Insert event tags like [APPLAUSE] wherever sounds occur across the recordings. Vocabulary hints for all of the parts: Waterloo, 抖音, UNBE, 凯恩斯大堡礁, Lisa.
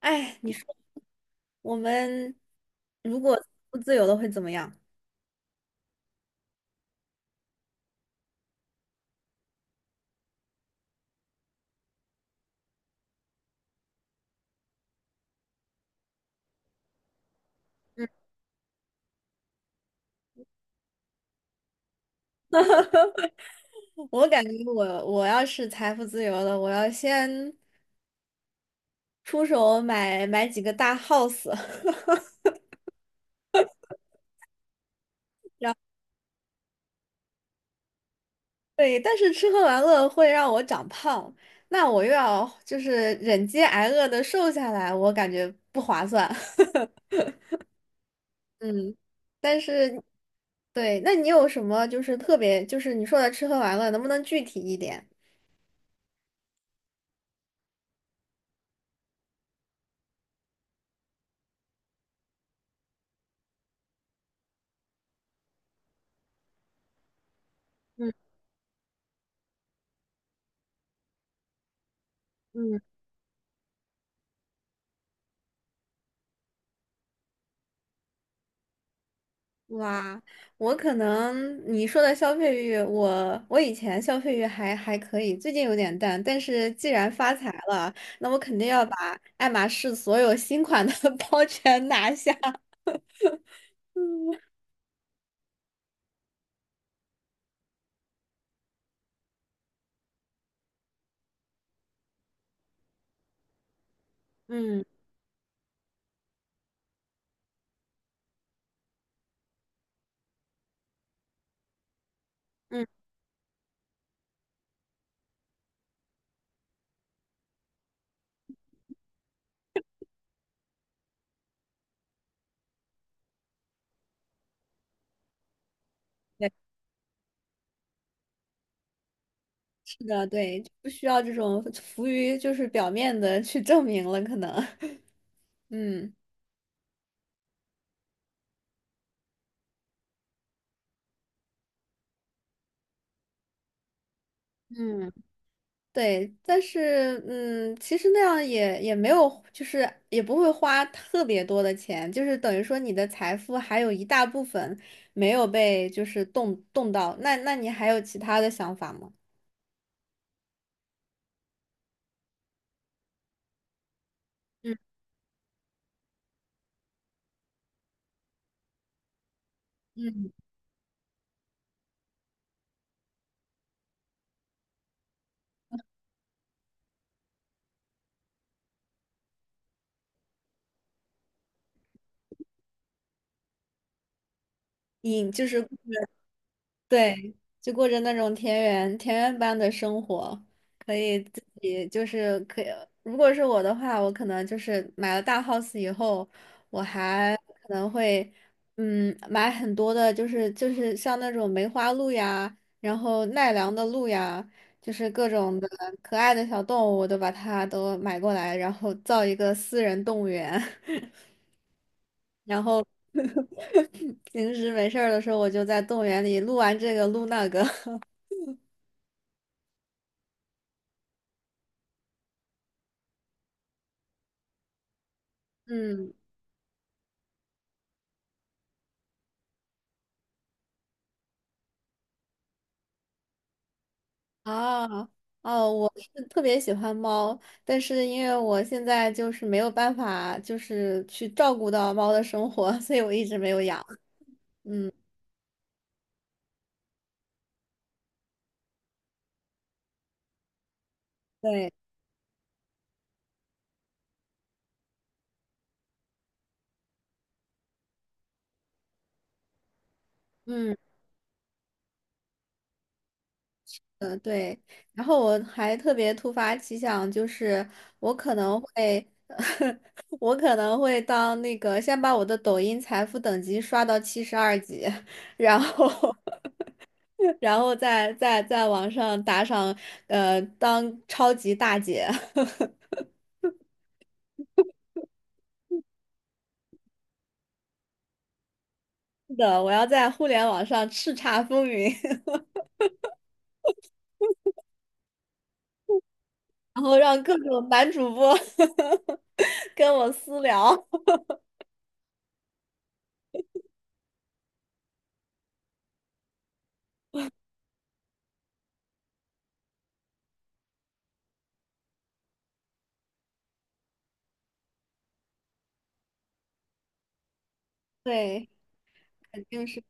哎，你说我们如果不自由了会怎么样？嗯，[LAUGHS] 我感觉我要是财富自由了，我要先出手买几个大 house。[LAUGHS] 对，但是吃喝玩乐会让我长胖，那我又要就是忍饥挨饿的瘦下来，我感觉不划算。[LAUGHS] 嗯，但是对，那你有什么就是特别就是你说的吃喝玩乐，能不能具体一点？嗯嗯哇，我可能你说的消费欲，我以前消费欲还可以，最近有点淡。但是既然发财了，那我肯定要把爱马仕所有新款的 [LAUGHS] 包全拿下。嗯嗯，对，是的，对，不需要这种浮于就是表面的去证明了，可能。[LAUGHS] 嗯嗯。对，但是嗯，其实那样也没有，就是也不会花特别多的钱，就是等于说你的财富还有一大部分没有被就是动到，那你还有其他的想法吗？嗯嗯。你就是。对，就过着那种田园般的生活，可以自己就是可以。如果是我的话，我可能就是买了大 house 以后，我还可能会买很多的，就是像那种梅花鹿呀，然后奈良的鹿呀，就是各种的可爱的小动物，我都把它都买过来，然后造一个私人动物园，[LAUGHS] 然后 [LAUGHS] 平时没事儿的时候，我就在动物园里录完这个录那个。[LAUGHS] 嗯，啊，哦，我是特别喜欢猫，但是因为我现在就是没有办法，就是去照顾到猫的生活，[LAUGHS] 所以我一直没有养。嗯，对，嗯，呃，对。然后我还特别突发奇想，就是我可能会，[LAUGHS] 我可能会当那个先把我的抖音财富等级刷到72级，然后 [LAUGHS]，然后再在网上打赏，呃，当超级大姐。[LAUGHS] 是的，我要在互联网上叱咤风云，[LAUGHS] 然后让各种男主播 [LAUGHS] 跟我私聊。对，肯定是。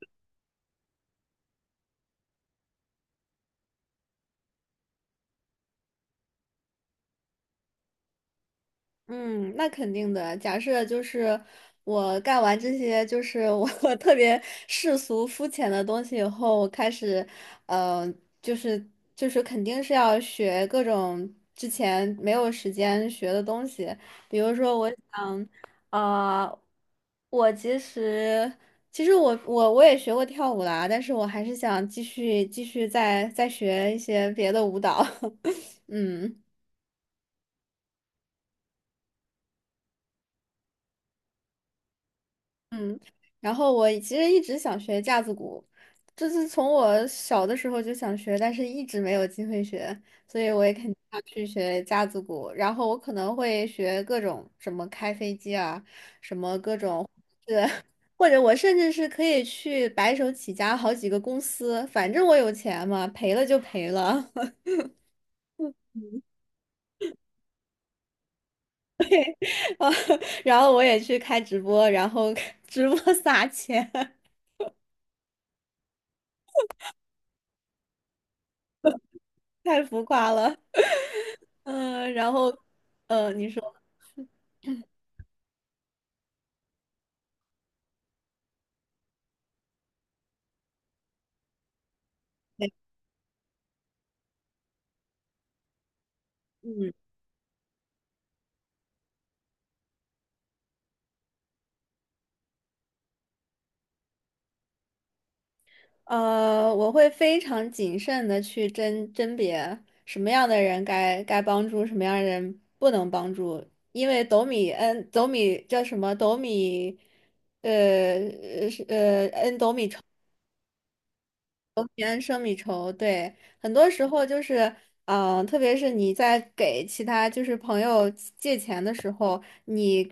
嗯，那肯定的。假设就是我干完这些，就是我 [LAUGHS] 特别世俗肤浅的东西以后，我开始，呃，就是就是肯定是要学各种之前没有时间学的东西。比如说，我想，呃，我其实其实我我我也学过跳舞啦，但是我还是想继续再学一些别的舞蹈。[LAUGHS] 嗯。嗯，然后我其实一直想学架子鼓，这是从我小的时候就想学，但是一直没有机会学，所以我也肯定要去学架子鼓。然后我可能会学各种什么开飞机啊，什么各种，或者我甚至是可以去白手起家好几个公司，反正我有钱嘛，赔了就赔了。[LAUGHS] 啊然后我也去开直播，然后 [LAUGHS] 直播撒钱，[LAUGHS] 太浮夸了。嗯，然后，呃，你说。嗯。呃，我会非常谨慎的去甄别什么样的人该帮助，什么样的人不能帮助，因为斗米恩斗米叫什么斗米，呃是平安胜米稠，对，很多时候就是，嗯、特别是你在给其他就是朋友借钱的时候，你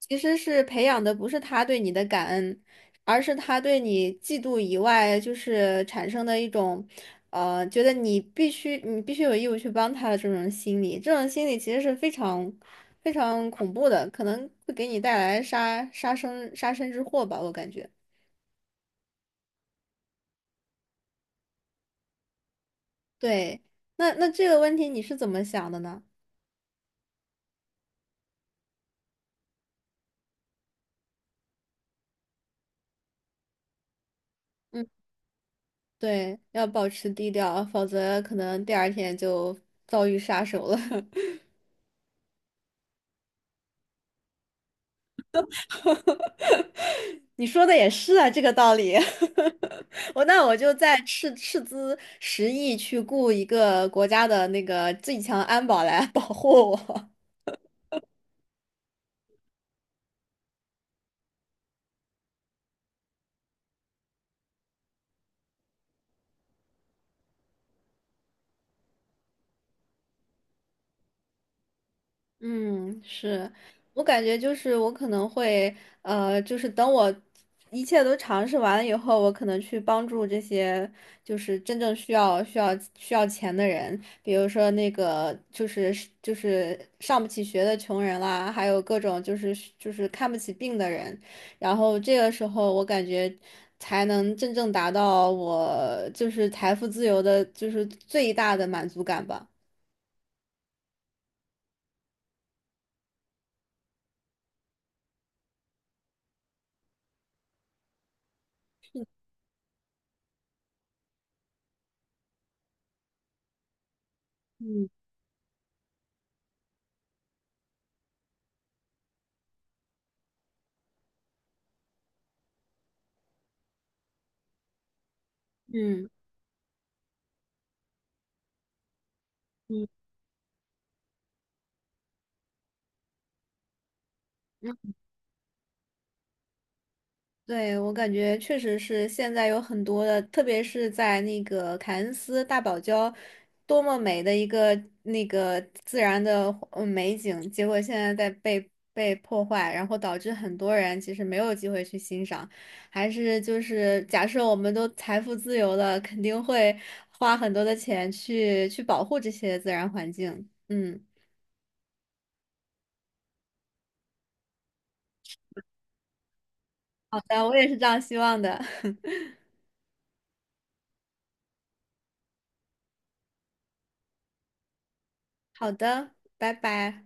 其实是培养的不是他对你的感恩，而是他对你嫉妒以外，就是产生的一种，呃，觉得你必须有义务去帮他的这种心理，这种心理其实是非常非常恐怖的，可能会给你带来杀身之祸吧，我感觉。对，那这个问题你是怎么想的呢？嗯，对，要保持低调，否则可能第二天就遭遇杀手了。[LAUGHS] 你说的也是啊，这个道理。[LAUGHS] 我那我就再斥资10亿去雇一个国家的那个最强安保来保护我。嗯，是，我感觉就是我可能会，呃，就是等我一切都尝试完了以后，我可能去帮助这些就是真正需要钱的人，比如说那个就是上不起学的穷人啦，还有各种就是看不起病的人，然后这个时候我感觉才能真正达到我就是财富自由的，就是最大的满足感吧。嗯嗯。嗯。对，我感觉确实是现在有很多的，特别是在那个凯恩斯大堡礁，多么美的一个那个自然的美景，结果现在在被破坏，然后导致很多人其实没有机会去欣赏。还是就是假设我们都财富自由了，肯定会花很多的钱去保护这些自然环境。嗯，好的，我也是这样希望的。[LAUGHS] 好的，拜拜。